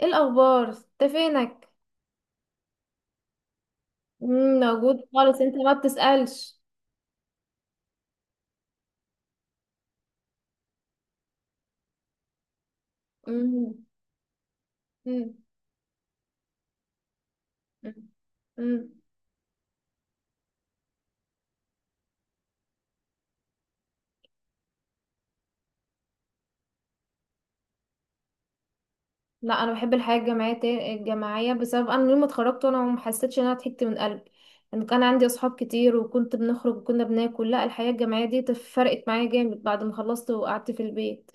ايه الاخبار؟ انت فينك؟ مم، موجود خالص، انت ما بتسألش؟ مم. مم. مم. مم. لا، انا بحب الحياة الجماعية الجماعية، بسبب انا يوم ما اتخرجت وانا ما حسيتش ان انا ضحكت من قلبي ان كان عندي اصحاب كتير وكنت بنخرج وكنا بناكل. لا، الحياة الجماعية دي فرقت معايا جامد بعد ما خلصت وقعدت في البيت.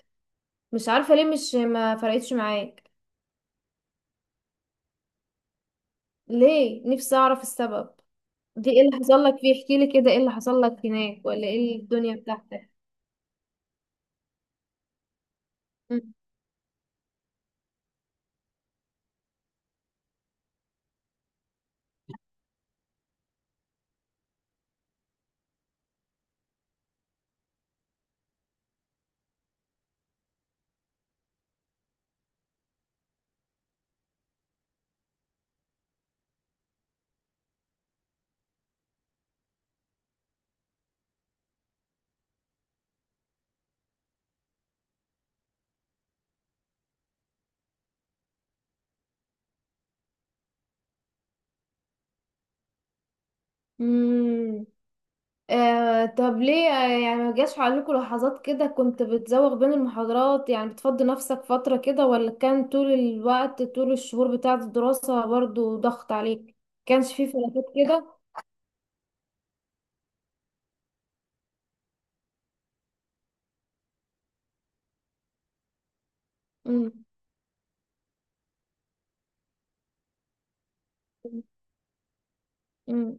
مش عارفة ليه مش ما فرقتش معاك؟ ليه؟ نفسي اعرف السبب. دي ايه اللي حصل لك فيه؟ احكي لي كده، ايه اللي حصل لك هناك؟ ولا ايه الدنيا بتاعتك؟ مم. مم. آه، طب ليه؟ يعني ما جاش عليكم لحظات كده كنت بتزوغ بين المحاضرات، يعني بتفضي نفسك فترة كده؟ ولا كان طول الوقت طول الشهور بتاعة الدراسة برضو ضغط عليك؟ كانش فيه فلاتات كده؟ مم. مم.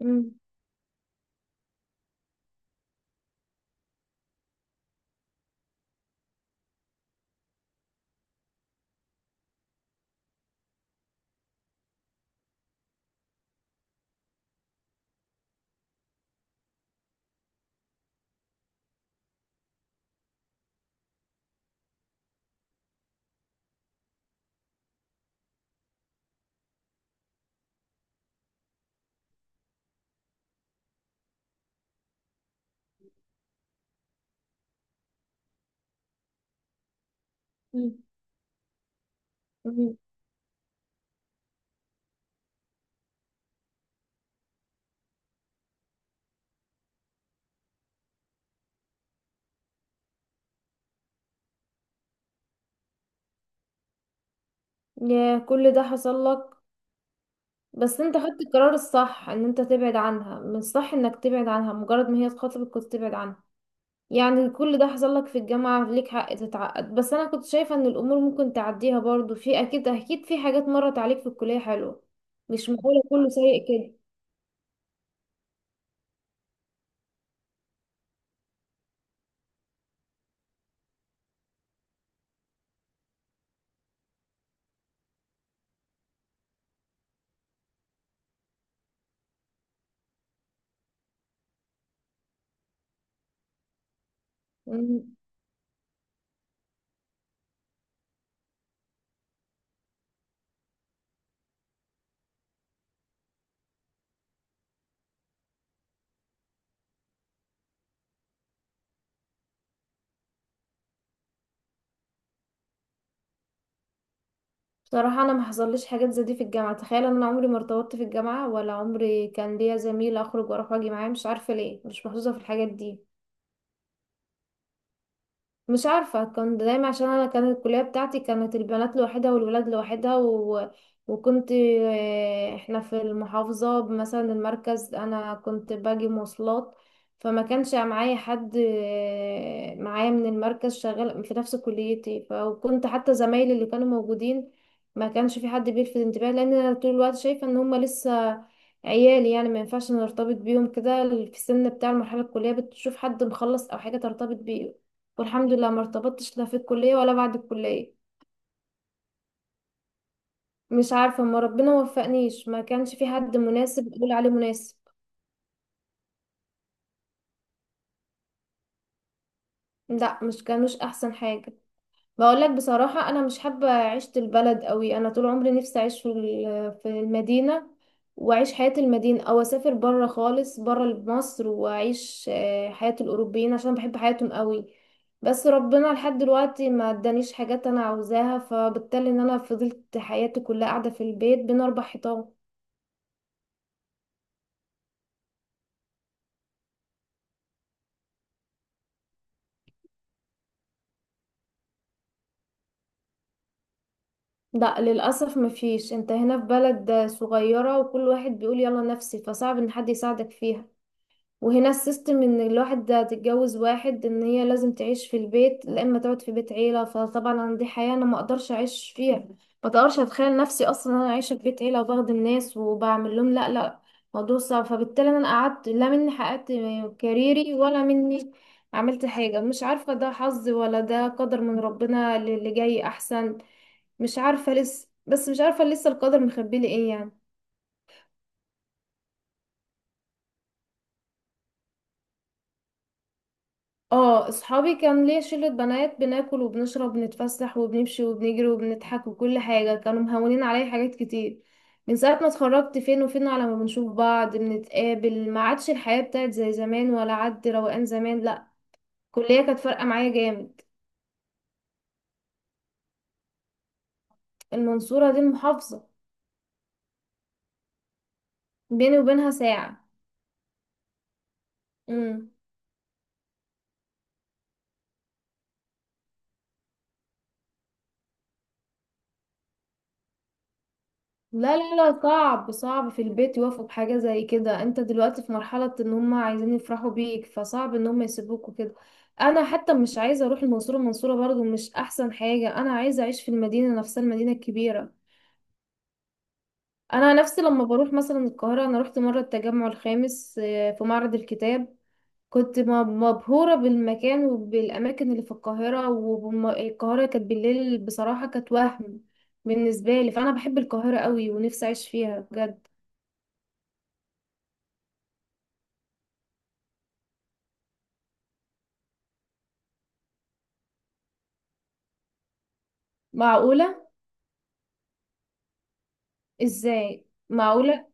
مم. مم. مم. يا، كل ده حصل لك؟ بس انت خدت القرار الصح ان انت تبعد عنها، من الصح انك تبعد عنها مجرد ما هي تخاطبك كنت تبعد عنها. يعني كل ده حصل لك في الجامعة، ليك حق تتعقد، بس أنا كنت شايفة إن الأمور ممكن تعديها، برضو في أكيد أكيد في حاجات مرت عليك في الكلية حلوة. مش معقولة كله سيء كده؟ مم. بصراحة أنا ما حصليش حاجات زي دي في الجامعة. تخيل، أنا عمري ما ارتبطت في الجامعة ولا عمري كان ليا زميل أخرج وأروح وأجي معاه، مش عارفة ليه، مش محظوظة في الحاجات دي. مش عارفة، كان دايما عشان أنا كانت الكلية بتاعتي كانت البنات لوحدها والولاد لوحدها، و... وكنت احنا في المحافظة مثلا المركز، أنا كنت باجي مواصلات. فما كانش معايا حد معايا من المركز شغال في نفس كليتي، فكنت حتى زمايلي اللي كانوا موجودين ما كانش في حد بيلفت انتباه، لأن أنا طول الوقت شايفة إن هما لسه عيالي، يعني ما ينفعش نرتبط بيهم كده في السن بتاع المرحلة. الكلية بتشوف حد مخلص أو حاجة ترتبط بيه، والحمد لله ما ارتبطتش لا في الكلية ولا بعد الكلية. مش عارفة، ما ربنا وفقنيش، ما كانش في حد مناسب اقول عليه مناسب. لا، مش كانوش احسن حاجة. بقول لك بصراحة، انا مش حابة عيشة البلد قوي، انا طول عمري نفسي اعيش في في المدينة، واعيش حياة المدينة او اسافر برا خالص، برا مصر، واعيش حياة الاوروبيين عشان بحب حياتهم قوي. بس ربنا لحد دلوقتي ما ادانيش حاجات انا عاوزاها، فبالتالي ان انا فضلت حياتي كلها قاعدة في البيت بين اربع حيطان. لا للأسف مفيش، انت هنا في بلد صغيرة وكل واحد بيقول يلا نفسي، فصعب ان حد يساعدك فيها. وهنا السيستم ان الواحد ده تتجوز واحد ان هي لازم تعيش في البيت، لا اما تقعد في بيت عيلة، فطبعا انا دي حياة انا ما اقدرش اعيش فيها، ما اقدرش اتخيل نفسي اصلا انا عايشة في بيت عيلة وبخدم ناس وبعمل لهم. لا لا، موضوع صعب. فبالتالي انا قعدت لا مني حققت كاريري ولا مني عملت حاجة. مش عارفة، ده حظ ولا ده قدر من ربنا اللي اللي جاي احسن. مش عارفة لسه، بس مش عارفة لسه القدر مخبي لي ايه يعني. اه، اصحابي كان ليا شلة بنات، بناكل وبنشرب وبنتفسح وبنمشي وبنجري وبنضحك وكل حاجة، كانوا مهونين عليا حاجات كتير. من ساعة ما اتخرجت فين وفين على ما بنشوف بعض، بنتقابل ما عادش الحياة بتاعت زي زمان ولا عد روقان زمان، لا. الكلية كانت فارقة معايا جامد. المنصورة دي المحافظة. بيني وبينها ساعة. لا لا لا، صعب، صعب في البيت يوافقوا بحاجة زي كده، انت دلوقتي في مرحلة ان هم عايزين يفرحوا بيك، فصعب ان هم يسيبوك وكده. انا حتى مش عايزة اروح المنصورة، المنصورة برضو مش احسن حاجة، انا عايزة اعيش في المدينة نفسها، المدينة الكبيرة. انا نفسي لما بروح مثلا القاهرة، انا رحت مرة التجمع الخامس، في معرض الكتاب. كنت مبهورة بالمكان وبالاماكن اللي في القاهرة، والقاهرة كانت بالليل بصراحة كانت وهم. بالنسبة لي فانا بحب القاهرة قوي ونفسي اعيش فيها بجد. معقولة؟ ازاي معقولة؟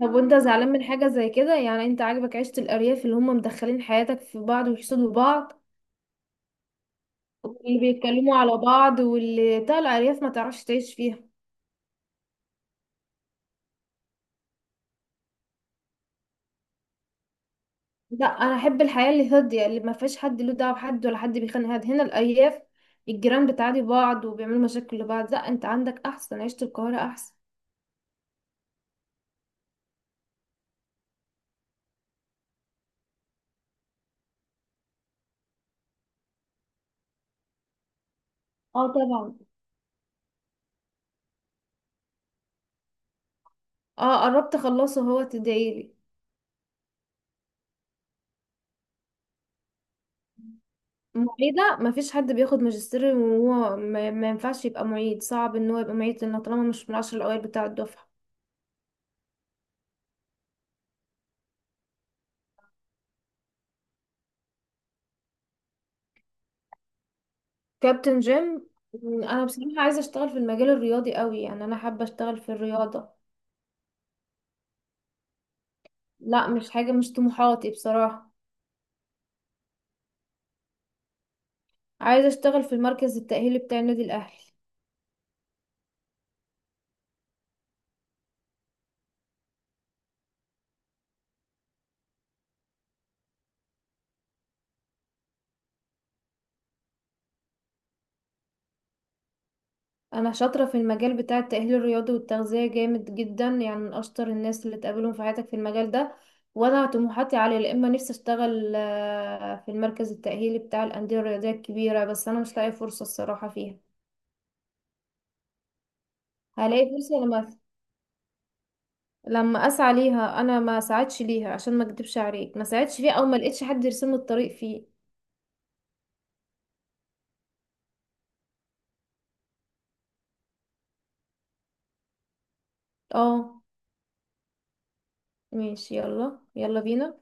طب وانت زعلان من حاجة زي كده؟ يعني انت عاجبك عيشة الأرياف اللي هم مدخلين حياتك في بعض ويحسدوا بعض، واللي بيتكلموا على بعض، واللي بتاع الأرياف ما تعرفش تعيش فيها؟ لا، انا احب الحياة اللي هادية اللي ما فيهاش حد له دعوة بحد ولا حد بيخانق حد. هنا الأرياف الجيران بتعادي بعض وبيعملوا مشاكل لبعض. لا، انت عندك احسن عيشة، القاهرة احسن. اه طبعا. اه، قربت اخلصه، هو تدعيلي. معيدة مفيش حد بياخد ماجستير وهو ما ينفعش يبقى معيد، صعب ان هو يبقى معيد لانه طالما مش من العشر الاوائل بتاع الدفعة. كابتن جيم؟ انا بصراحة عايزة اشتغل في المجال الرياضي قوي، يعني انا حابة اشتغل في الرياضة. لا مش حاجة، مش طموحاتي بصراحة. عايزة اشتغل في المركز التأهيلي بتاع النادي الاهلي. انا شاطره في المجال بتاع التاهيل الرياضي والتغذيه جامد جدا، يعني من اشطر الناس اللي تقابلهم في حياتك في المجال ده. وانا طموحاتي عاليه، يا اما نفسي اشتغل في المركز التاهيلي بتاع الانديه الرياضيه الكبيره، بس انا مش لاقيه فرصه الصراحه فيها. هلاقي فرصه لما اسعى ليها. انا ما ساعدش ليها عشان ما اكدبش عليك، ما ساعدش فيها او ما لقيتش حد يرسم لي الطريق فيه. اه ماشي، يلا يلا بينا.